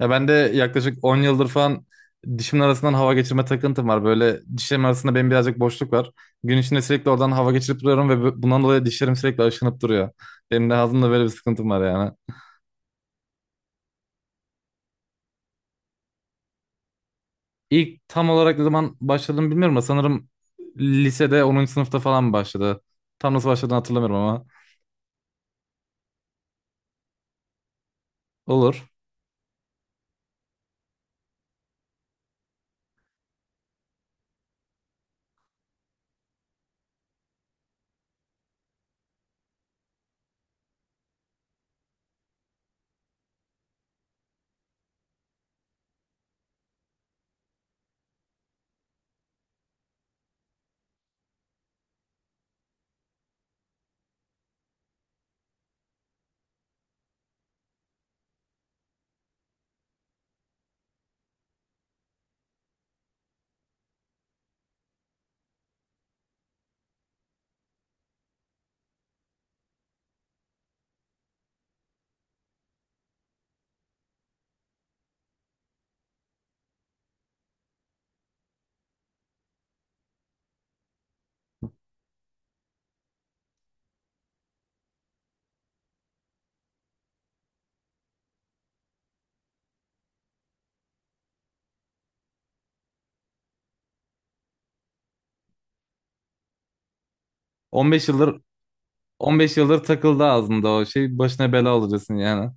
Ya ben de yaklaşık 10 yıldır falan dişimin arasından hava geçirme takıntım var. Böyle dişlerim arasında benim birazcık boşluk var. Gün içinde sürekli oradan hava geçirip duruyorum ve bundan dolayı dişlerim sürekli aşınıp duruyor. Benim de ağzımda böyle bir sıkıntım var yani. İlk tam olarak ne zaman başladığımı bilmiyorum ama sanırım lisede 10. sınıfta falan başladı. Tam nasıl başladığını hatırlamıyorum ama. Olur. 15 yıldır 15 yıldır takıldı ağzımda o şey, başına bela olacaksın yani.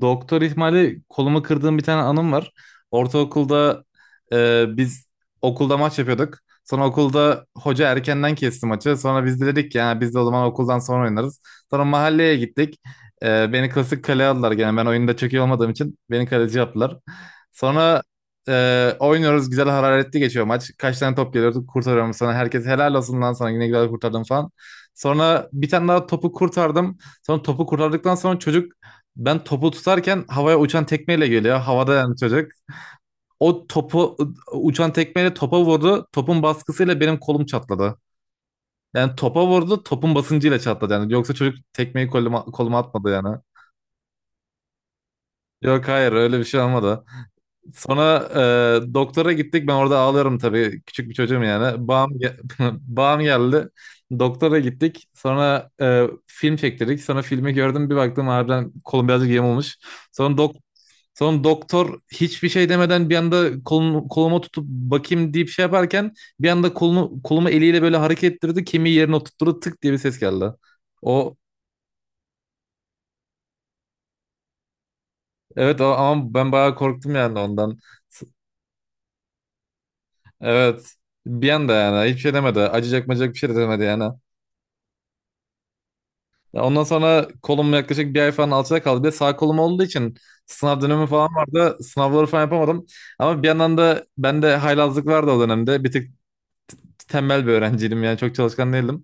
Doktor ihmali, kolumu kırdığım bir tane anım var. Ortaokulda biz okulda maç yapıyorduk. Sonra okulda hoca erkenden kesti maçı. Sonra biz de dedik ki yani biz de o zaman okuldan sonra oynarız. Sonra mahalleye gittik. Beni klasik kaleye aldılar gene. Ben oyunda çok iyi olmadığım için beni kaleci yaptılar. Sonra oynuyoruz. Güzel hararetli geçiyor maç. Kaç tane top geliyordu, kurtarıyorum sonra. Herkes helal olsun lan sana, yine güzel kurtardım falan. Sonra bir tane daha topu kurtardım. Sonra topu kurtardıktan sonra çocuk, ben topu tutarken havaya uçan tekmeyle geliyor. Havada yani çocuk. O topu Uçan tekmeyle topa vurdu. Topun baskısıyla benim kolum çatladı. Yani topa vurdu, topun basıncıyla çatladı yani. Yoksa çocuk tekmeyi koluma atmadı yani. Yok, hayır, öyle bir şey olmadı. Sonra doktora gittik. Ben orada ağlıyorum tabii. Küçük bir çocuğum yani. Bağım geldi. Doktora gittik. Sonra film çektirdik. Sonra filmi gördüm. Bir baktım harbiden kolum birazcık yem olmuş. Sonra dok Sonra doktor hiçbir şey demeden bir anda koluma tutup bakayım deyip şey yaparken bir anda kolumu eliyle böyle hareket ettirdi. Kemiği yerine oturttu, tık diye bir ses geldi. O Evet. O, ama ben bayağı korktum yani ondan. Evet. Bir anda yani hiçbir şey demedi. Acıyacak macacak bir şey de demedi yani. Ya, ondan sonra kolum yaklaşık bir ay falan alçada kaldı. Bir de sağ kolum olduğu için sınav dönemi falan vardı. Sınavları falan yapamadım. Ama bir yandan da bende haylazlık vardı o dönemde. Bir tık tembel bir öğrenciydim yani, çok çalışkan değildim.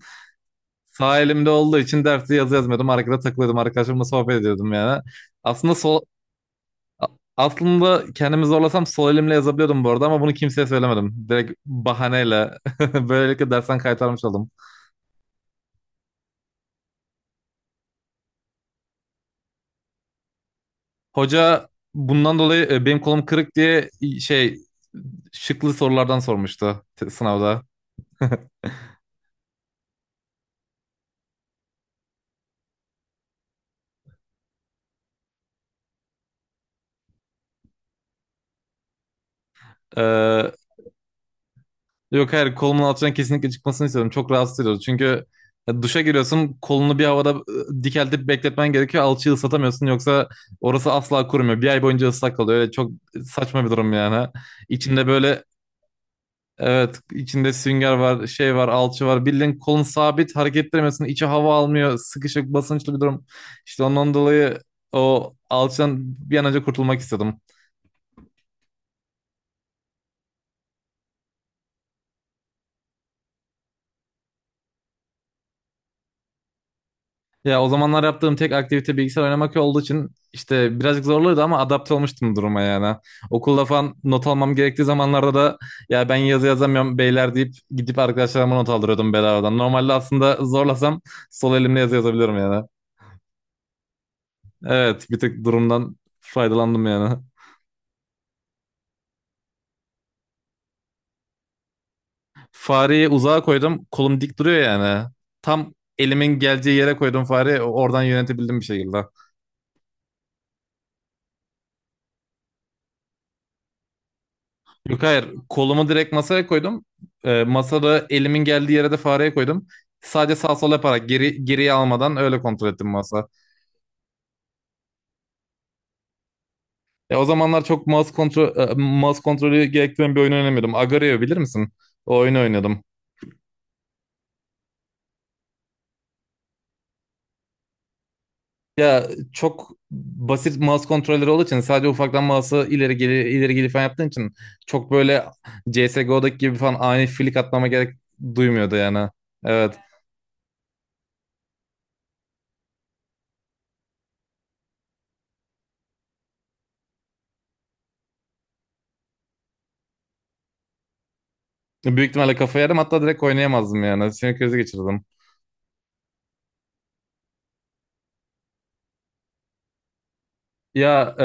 Sağ elimde olduğu için dersi yazı yazmıyordum. Arkada takılıyordum. Arkadaşlarımla sohbet ediyordum yani. Aslında sol a- Aslında kendimi zorlasam sol elimle yazabiliyordum bu arada ama bunu kimseye söylemedim. Direkt bahaneyle böylelikle dersten kaytarmış oldum. Hoca bundan dolayı benim kolum kırık diye şey, şıklı sorulardan sormuştu sınavda. Ee, yok, hayır, kolumun altından kesinlikle çıkmasını istedim. Çok rahatsız ediyordu. Çünkü duşa giriyorsun, kolunu bir havada dikeltip bekletmen gerekiyor. Alçıyı ıslatamıyorsun, yoksa orası asla kurumuyor. Bir ay boyunca ıslak kalıyor. Öyle çok saçma bir durum yani. İçinde böyle Evet, içinde sünger var, şey var, alçı var, bildiğin kolun sabit, hareket ettiremiyorsun, içi hava almıyor, sıkışık basınçlı bir durum. İşte ondan dolayı o alçıdan bir an önce kurtulmak istedim. Ya, o zamanlar yaptığım tek aktivite bilgisayar oynamak olduğu için işte birazcık zorluydu ama adapte olmuştum duruma yani. Okulda falan not almam gerektiği zamanlarda da ya ben yazı yazamıyorum beyler deyip gidip arkadaşlarıma not aldırıyordum bedavadan. Normalde aslında zorlasam sol elimle yazı yazabilirim yani. Evet, bir tık durumdan faydalandım yani. Fareyi uzağa koydum. Kolum dik duruyor yani. Tam elimin geleceği yere koydum fareyi. Oradan yönetebildim bir şekilde. Yok, hayır. Kolumu direkt masaya koydum. Masada elimin geldiği yere de fareyi koydum. Sadece sağ sol yaparak, geriye almadan öyle kontrol ettim masa. O zamanlar çok mouse kontrolü gerektiren bir oyun oynamıyordum. Agario bilir misin? O oyunu oynadım. Ya, çok basit mouse kontrolleri olduğu için sadece ufaktan mouse'u ileri geri ileri geri falan yaptığın için çok böyle CS:GO'daki gibi falan ani flick atmama gerek duymuyordu yani. Evet. Büyük ihtimalle kafayı yerim, hatta direkt oynayamazdım yani. Sinir krizi geçirdim. Ya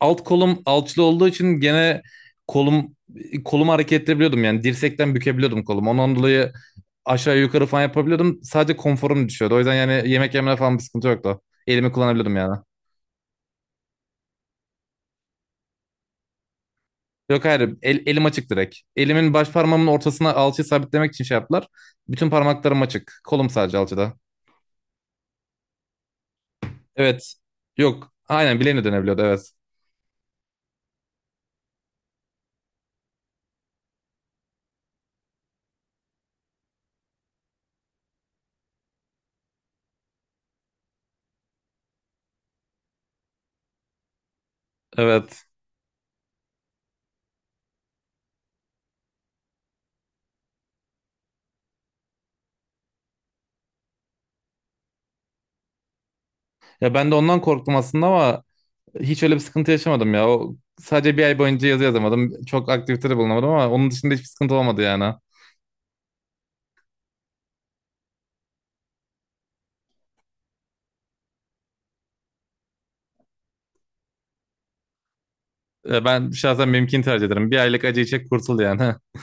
alt kolum alçılı olduğu için gene kolum kolumu hareket edebiliyordum yani, dirsekten bükebiliyordum kolumu. Ondan dolayı aşağı yukarı falan yapabiliyordum. Sadece konforum düşüyordu. O yüzden yani yemek yemene falan bir sıkıntı yoktu. Elimi kullanabiliyordum yani. Yok, hayır, elim açık direkt. Elimin baş parmağımın ortasına alçıyı sabitlemek için şey yaptılar. Bütün parmaklarım açık. Kolum sadece alçıda. Evet. Yok. Aynen bileğine dönebiliyordu, evet. Evet. Ya ben de ondan korktum aslında ama hiç öyle bir sıkıntı yaşamadım ya. O, sadece bir ay boyunca yazı yazamadım. Çok aktivitede bulunamadım ama onun dışında hiçbir sıkıntı olmadı yani. Ya ben şahsen benimkini tercih ederim. Bir aylık acıyı çek, kurtul yani.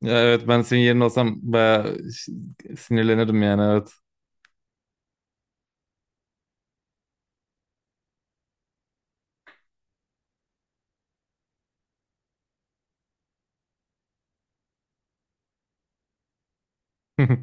Ya, evet, ben senin yerine olsam bayağı sinirlenirdim yani, evet.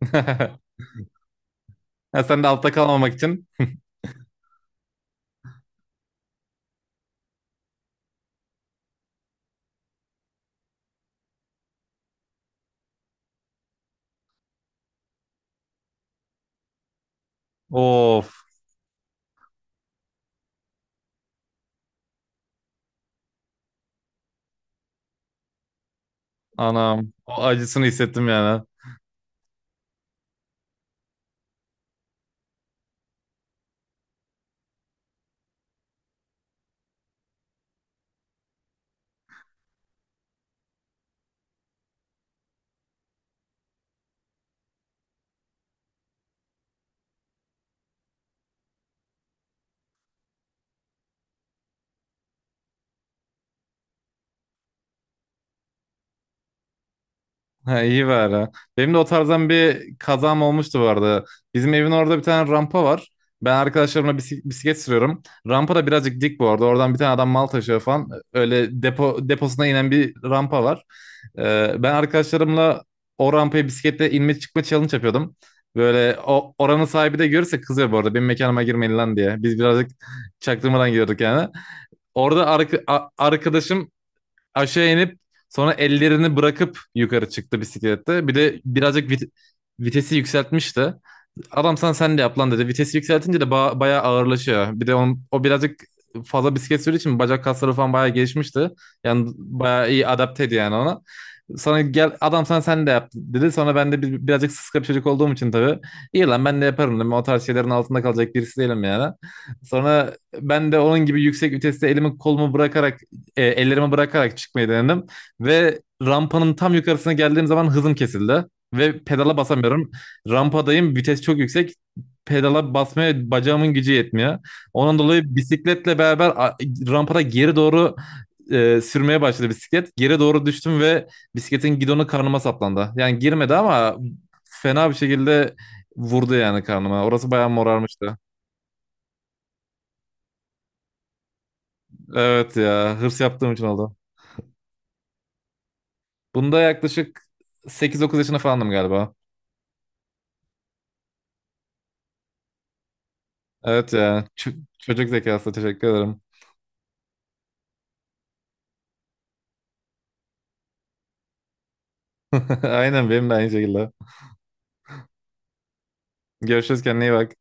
Ya sen de altta kalmamak için. Of, anam. O acısını hissettim yani. Ha, iyi bari. Benim de o tarzdan bir kazam olmuştu bu arada. Bizim evin orada bir tane rampa var. Ben arkadaşlarımla bisiklet sürüyorum. Rampa da birazcık dik bu arada. Oradan bir tane adam mal taşıyor falan. Öyle deposuna inen bir rampa var. Ben arkadaşlarımla o rampaya bisikletle inme çıkma challenge yapıyordum. Böyle o oranın sahibi de görürse kızıyor bu arada, benim mekanıma girmeyin lan diye. Biz birazcık çaktırmadan gidiyorduk yani. Orada arkadaşım aşağı inip sonra ellerini bırakıp yukarı çıktı bisiklette. Bir de birazcık vitesi yükseltmişti. Adam sana sen de yap lan dedi. Vitesi yükseltince de bayağı ağırlaşıyor. Bir de o birazcık fazla bisiklet sürdüğü için bacak kasları falan bayağı gelişmişti. Yani bayağı iyi adapteydi yani ona. Sonra gel adam sana sen de yap dedi. Sonra ben de birazcık sıska bir çocuk olduğum için tabii. İyi lan ben de yaparım dedim. O tarz şeylerin altında kalacak birisi değilim yani. Sonra ben de onun gibi yüksek viteste elimi kolumu bırakarak ellerimi bırakarak çıkmayı denedim. Ve rampanın tam yukarısına geldiğim zaman hızım kesildi. Ve pedala basamıyorum. Rampadayım, vites çok yüksek. Pedala basmaya bacağımın gücü yetmiyor. Onun dolayı bisikletle beraber rampada geri doğru sürmeye başladı bisiklet. Geri doğru düştüm ve bisikletin gidonu karnıma saplandı. Yani girmedi ama fena bir şekilde vurdu yani karnıma. Orası bayağı morarmıştı. Evet ya, hırs yaptığım için oldu. Bunda yaklaşık 8-9 yaşında falandım galiba. Evet ya, çocuk zekası, teşekkür ederim. Aynen, benim de aynı şekilde. Görüşürüz, kendine iyi bak.